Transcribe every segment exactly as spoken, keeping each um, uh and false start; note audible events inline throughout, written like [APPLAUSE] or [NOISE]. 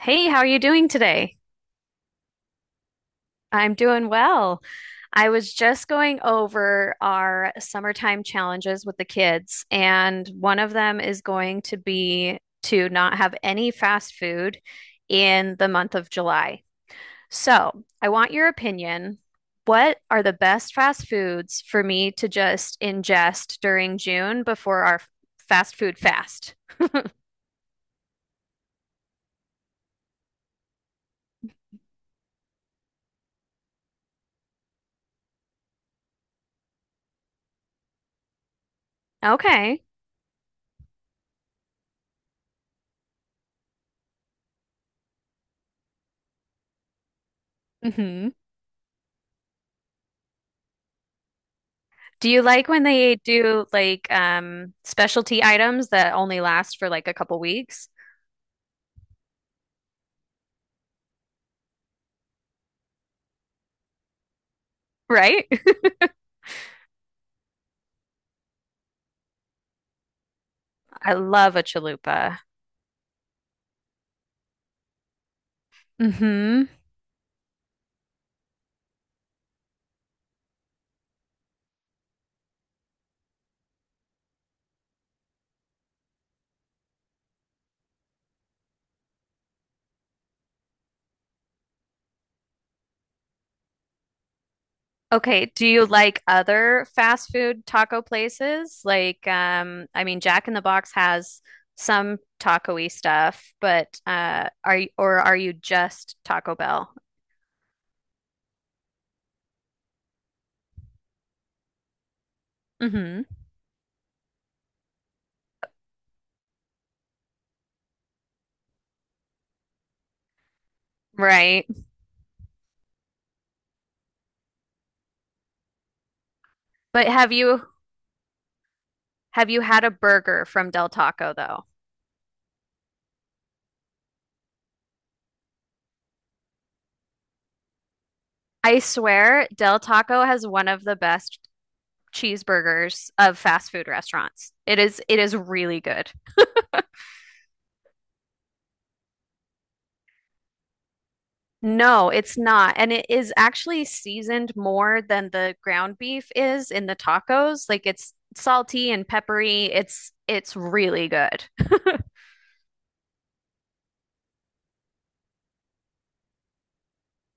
Hey, how are you doing today? I'm doing well. I was just going over our summertime challenges with the kids, and one of them is going to be to not have any fast food in the month of July. So, I want your opinion. What are the best fast foods for me to just ingest during June before our fast food fast? Okay. Mm-hmm. Do you like when they do like um specialty items that only last for like a couple weeks? Right? [LAUGHS] I love a chalupa. Mm-hmm. Okay, do you like other fast food taco places? Like um I mean Jack in the Box has some taco-y stuff, but uh are you or are you just Taco Bell? Mm-hmm. Right. But have you have you had a burger from Del Taco though? I swear Del Taco has one of the best cheeseburgers of fast food restaurants. It is it is really good. No, it's not. And it is actually seasoned more than the ground beef is in the tacos. Like it's salty and peppery. It's it's really good.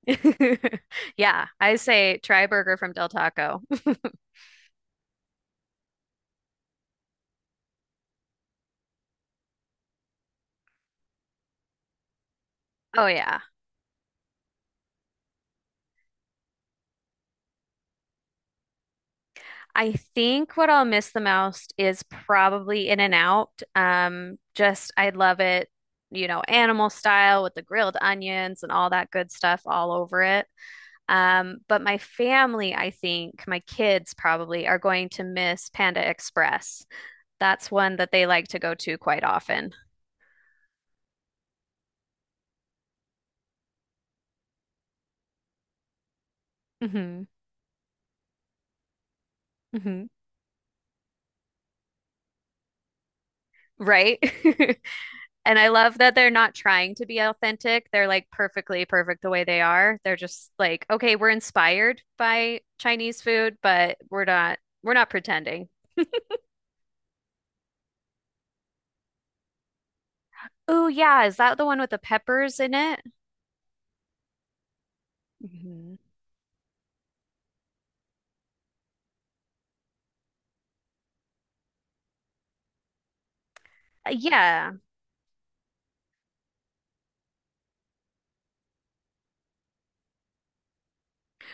[LAUGHS] Yeah, I say try burger from Del Taco. [LAUGHS] Oh yeah. I think what I'll miss the most is probably In-N-Out. Um, just I love it, you know, animal style with the grilled onions and all that good stuff all over it. Um, but my family, I think, my kids probably are going to miss Panda Express. That's one that they like to go to quite often. Hmm. Hmm. Right? [LAUGHS] And I love that they're not trying to be authentic. They're like perfectly perfect the way they are. They're just like, okay, we're inspired by Chinese food, but we're not we're not pretending. Oh yeah, is that the one with the peppers in it? Hmm. Uh, yeah.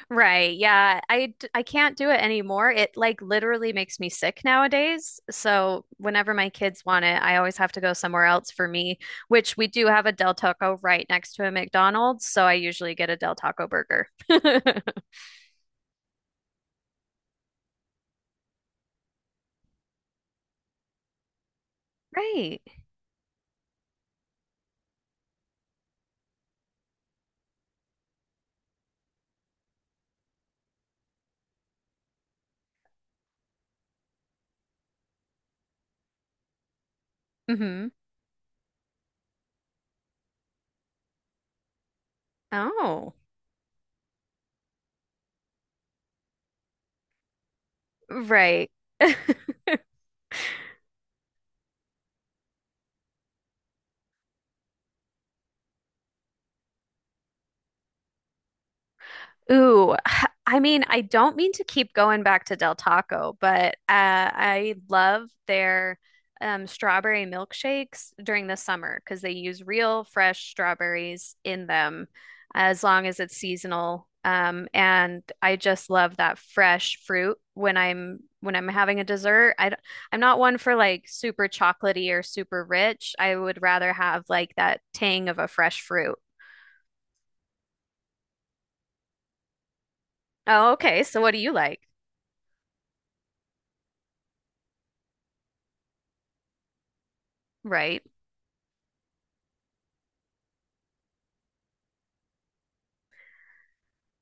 Right. Yeah. I d- I can't do it anymore. It like literally makes me sick nowadays. So whenever my kids want it, I always have to go somewhere else for me, which we do have a Del Taco right next to a McDonald's, so I usually get a Del Taco burger. [LAUGHS] Right. Mm-hmm. Oh, right. [LAUGHS] Ooh, [SIGHS] I mean, I don't mean to keep going back to Del Taco, but uh, I love their um, strawberry milkshakes during the summer because they use real fresh strawberries in them as long as it's seasonal. Um, and I just love that fresh fruit when I'm when I'm having a dessert. I d- I'm not one for like super chocolatey or super rich. I would rather have like that tang of a fresh fruit. Oh, okay. So what do you like? Right.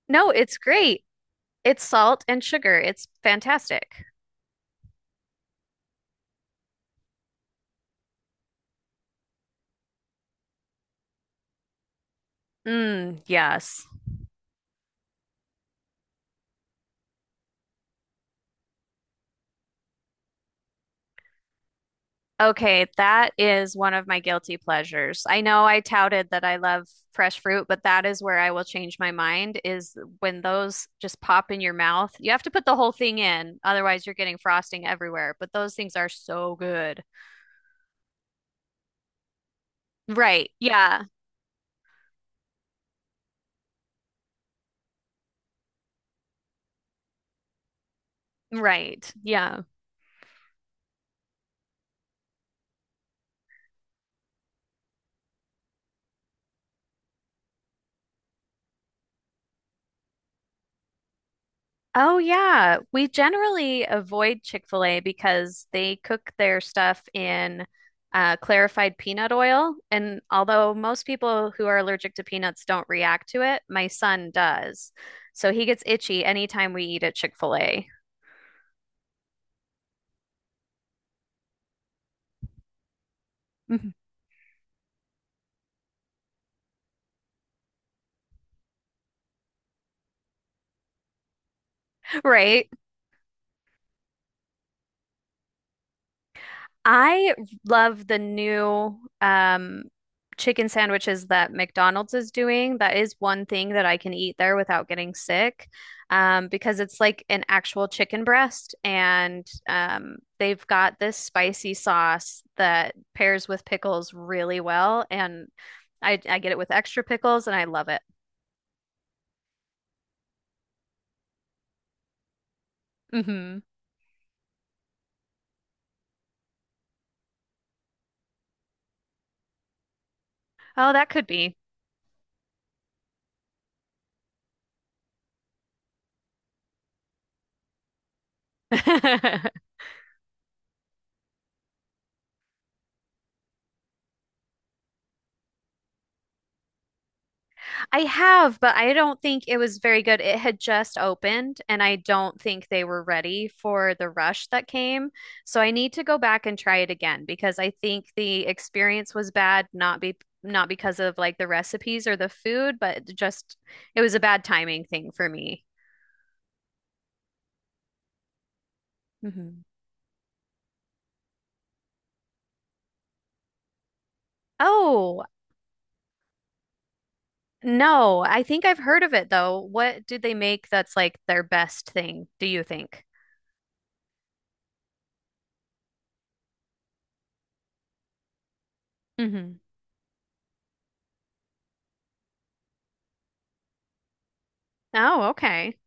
No, it's great. It's salt and sugar. It's fantastic. Mm, yes. Okay, that is one of my guilty pleasures. I know I touted that I love fresh fruit, but that is where I will change my mind is when those just pop in your mouth. You have to put the whole thing in, otherwise you're getting frosting everywhere, but those things are so good. Right. Yeah. Right. Yeah. Oh, yeah. We generally avoid Chick-fil-A because they cook their stuff in uh, clarified peanut oil. And although most people who are allergic to peanuts don't react to it, my son does. So he gets itchy anytime we eat at Chick-fil-A. [LAUGHS] Right? I love the new um, chicken sandwiches that McDonald's is doing. That is one thing that I can eat there without getting sick, um, because it's like an actual chicken breast, and um, they've got this spicy sauce that pairs with pickles really well, and I I get it with extra pickles, and I love it. Hmm. Oh, that could be. [LAUGHS] I have, but I don't think it was very good. It had just opened, and I don't think they were ready for the rush that came. So I need to go back and try it again because I think the experience was bad, not be not because of like the recipes or the food, but just it was a bad timing thing for me. Hmm. Oh, no, I think I've heard of it though. What did they make that's like their best thing, do you think? Hmm. Oh, okay.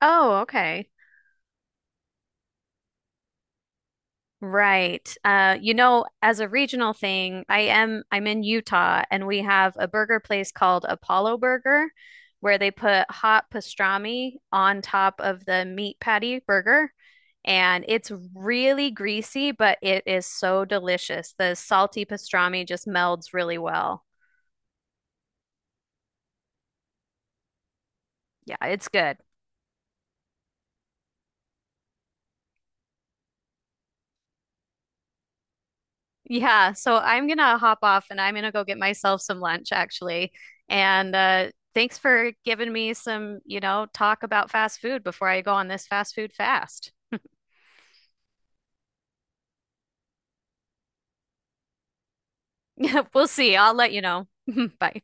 Oh, okay. Right. Uh, you know, as a regional thing, I am I'm in Utah and we have a burger place called Apollo Burger where they put hot pastrami on top of the meat patty burger and it's really greasy, but it is so delicious. The salty pastrami just melds really well. Yeah, it's good. Yeah, so I'm gonna hop off and I'm gonna go get myself some lunch actually. And uh, thanks for giving me some, you know, talk about fast food before I go on this fast food fast. [LAUGHS] We'll see. I'll let you know. [LAUGHS] Bye.